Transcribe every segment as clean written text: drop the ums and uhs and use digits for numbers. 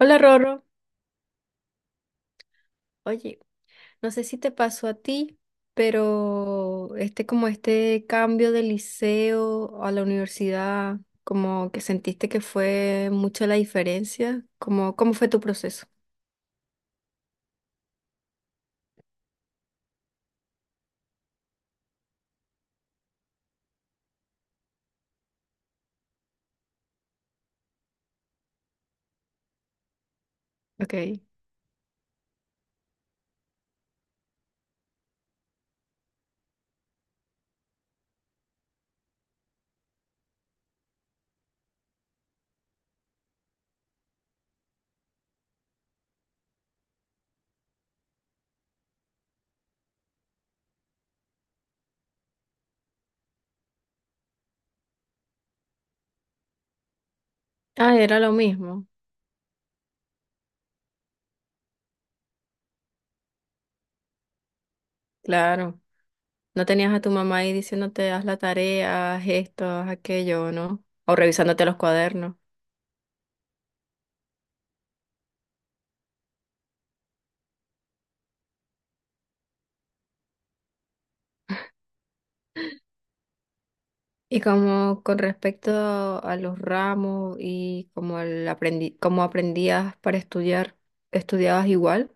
Hola Rorro, oye, no sé si te pasó a ti, pero como este cambio de liceo a la universidad, como que sentiste que fue mucha la diferencia, como cómo fue tu proceso. Ok. Ah, era lo mismo, claro. No tenías a tu mamá ahí diciéndote haz la tarea, haz esto, haz aquello, ¿no? O revisándote los cuadernos. Y como con respecto a los ramos y como el aprendi como aprendías para estudiar, estudiabas igual.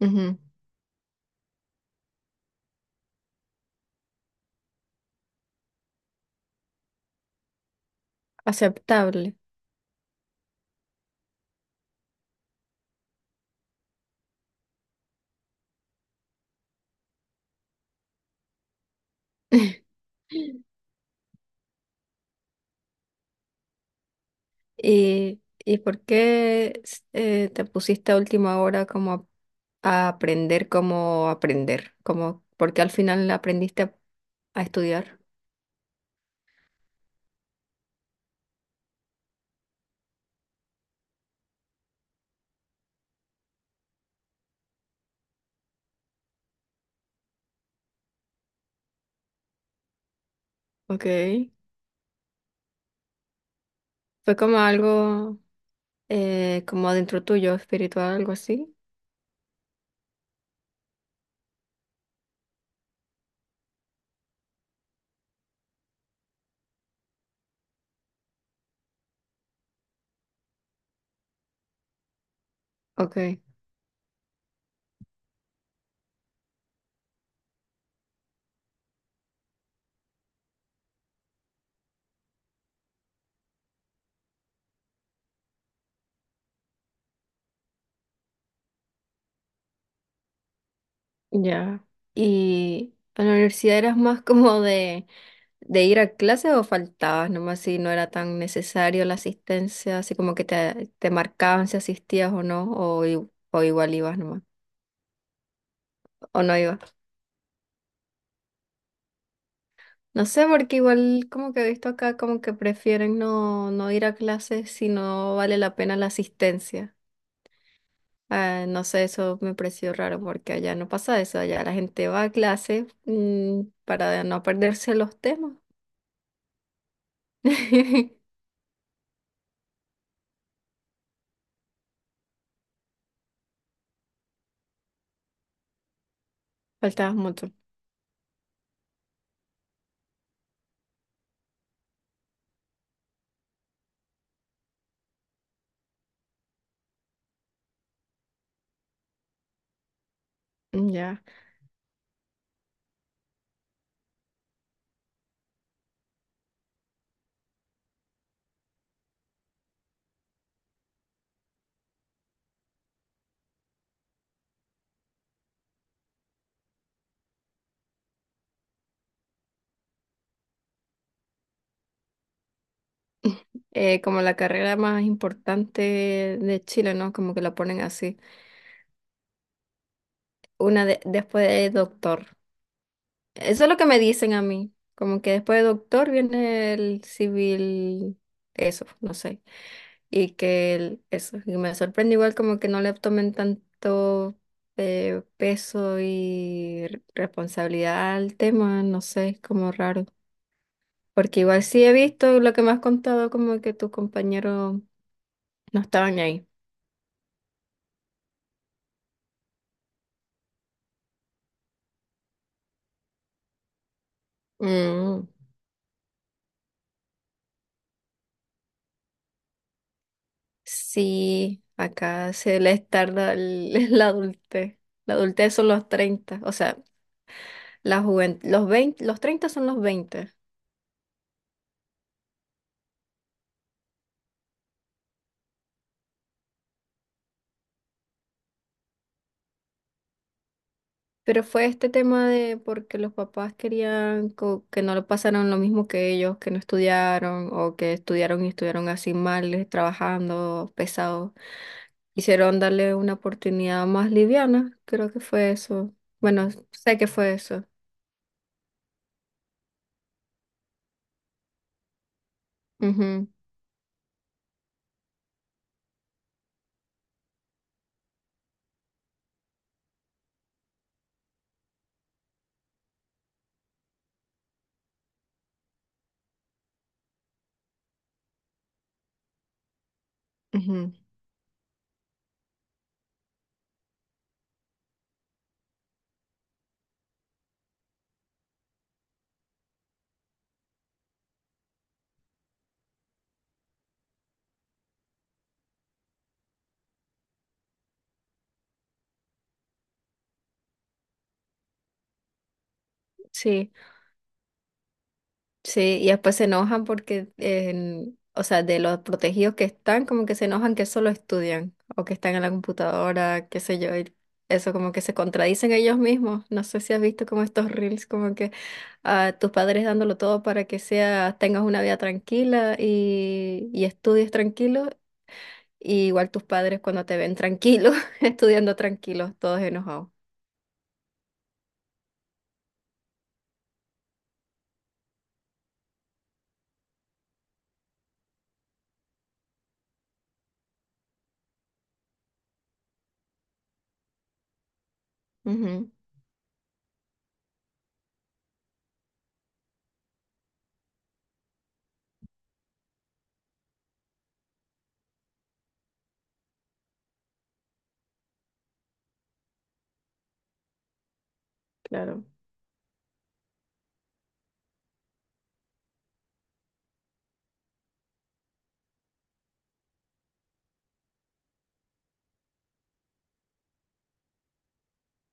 Ujú. Aceptable. ¿Y ¿por qué te pusiste a última hora como a aprender cómo aprender? Como, ¿por qué al final aprendiste a estudiar? Ok. Fue como algo, como dentro tuyo, espiritual, algo así. Ok. Ya. ¿Y en la universidad eras más como de ir a clase o faltabas nomás si no era tan necesario la asistencia, así como que te marcaban si asistías o no, o, o igual ibas nomás, o no ibas? No sé, porque igual como que he visto acá como que prefieren no, no ir a clase si no vale la pena la asistencia. Ah, no sé, eso me pareció raro porque allá no pasa eso, allá la gente va a clase, para no perderse los temas. Faltabas un montón. Mm, ya. Como la carrera más importante de Chile, ¿no? Como que la ponen así. Una después de doctor. Eso es lo que me dicen a mí. Como que después de doctor viene el civil, eso, no sé. Y que eso. Y me sorprende igual como que no le tomen tanto, peso y responsabilidad al tema, no sé, es como raro. Porque igual sí he visto lo que me has contado, como que tus compañeros no estaban ahí. Mm, sí, acá se les tarda la adultez. La adultez son los 30, o sea, la juventud, los 20, los 30 son los 20. Pero fue este tema de porque los papás querían, que no lo pasaran lo mismo que ellos, que no estudiaron o que estudiaron y estuvieron así mal, trabajando, pesados. Quisieron darle una oportunidad más liviana, creo que fue eso. Bueno, sé que fue eso. Ujú, ujú. Sí. Sí, y después se enojan porque, o sea, de los protegidos que están, como que se enojan que solo estudian o que están en la computadora, qué sé yo, y eso como que se contradicen ellos mismos. No sé si has visto como estos reels, como que a tus padres dándolo todo para que sea, tengas una vida tranquila y estudies tranquilo, y igual tus padres cuando te ven tranquilo, estudiando tranquilos, todos enojados. Ujú, claro.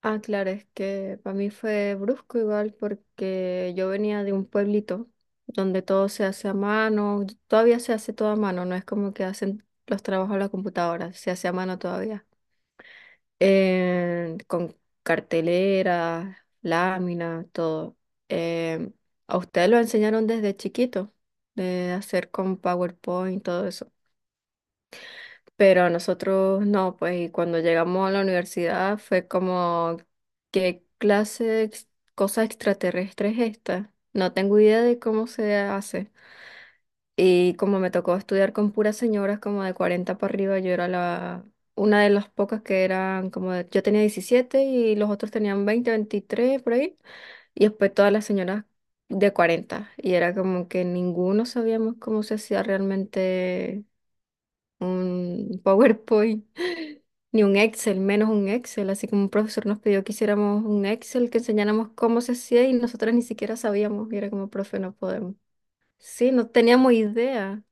Ah, claro, es que para mí fue brusco igual porque yo venía de un pueblito donde todo se hace a mano, todavía se hace todo a mano, no es como que hacen los trabajos a la computadora, se hace a mano todavía. Con cartelera, lámina, todo. Eh, a ustedes lo enseñaron desde chiquito, de hacer con PowerPoint, todo eso, pero nosotros no, pues, y cuando llegamos a la universidad fue como, ¿qué clase de cosa extraterrestre es esta? No tengo idea de cómo se hace. Y como me tocó estudiar con puras señoras como de 40 para arriba, yo era una de las pocas que eran como, yo tenía 17 y los otros tenían 20, 23 por ahí, y después todas las señoras de 40, y era como que ninguno sabíamos cómo se hacía realmente un PowerPoint, ni un Excel, menos un Excel. Así como un profesor nos pidió que hiciéramos un Excel, que enseñáramos cómo se hacía y nosotras ni siquiera sabíamos. Y era como, profe, no podemos. Sí, no teníamos idea.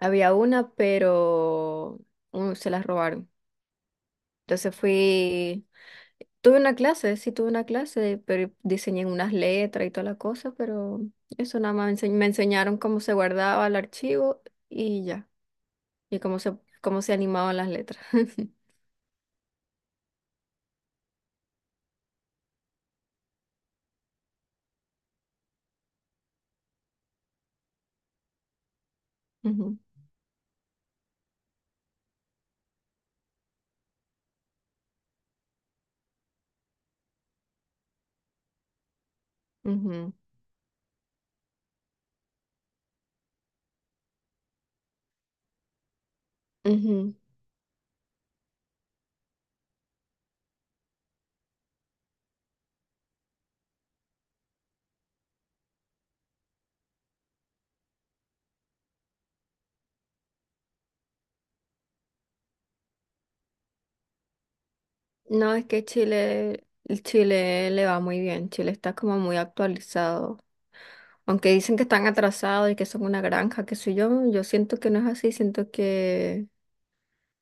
Había una, pero se las robaron. Entonces tuve una clase, sí tuve una clase, pero diseñé unas letras y toda la cosa, pero eso nada más me enseñaron cómo se guardaba el archivo y ya, y cómo cómo se animaban las letras. Ujú. Ujú, ujú. No, es que Chile, el Chile le va muy bien, Chile está como muy actualizado. Aunque dicen que están atrasados y que son una granja, que soy yo, yo siento que no es así, siento que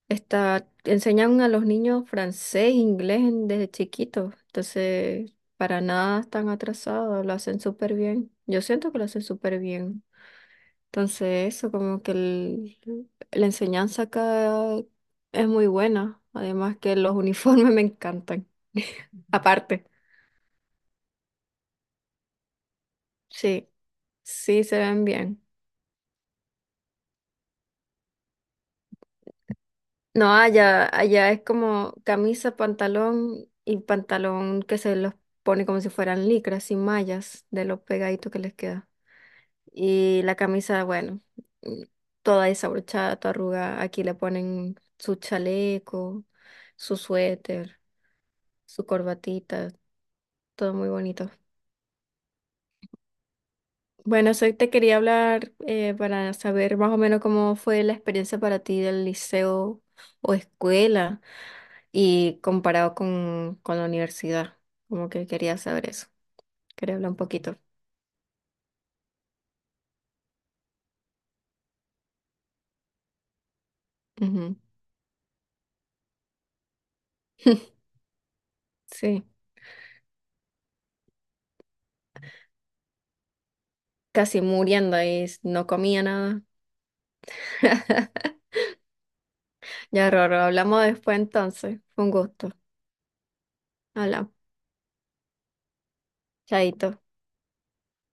enseñan a los niños francés, inglés desde chiquitos, entonces para nada están atrasados, lo hacen súper bien. Yo siento que lo hacen súper bien. Entonces, eso como que la enseñanza acá es muy buena. Además que los uniformes me encantan. Aparte, sí, sí se ven bien. No, allá es como camisa, pantalón y pantalón que se los pone como si fueran licras, sin mallas, de lo pegadito que les queda. Y la camisa, bueno, mm, toda desabrochada, toda arrugada. Aquí le ponen su chaleco, su suéter, su corbatita. Todo muy bonito. Bueno, te quería hablar, para saber más o menos cómo fue la experiencia para ti del liceo o escuela y comparado con la universidad. Como que quería saber eso. Quería hablar un poquito. Ujú. Sí, casi muriendo y no comía nada. Ya, Roro, hablamos después entonces. Fue un gusto. Hola, chaito.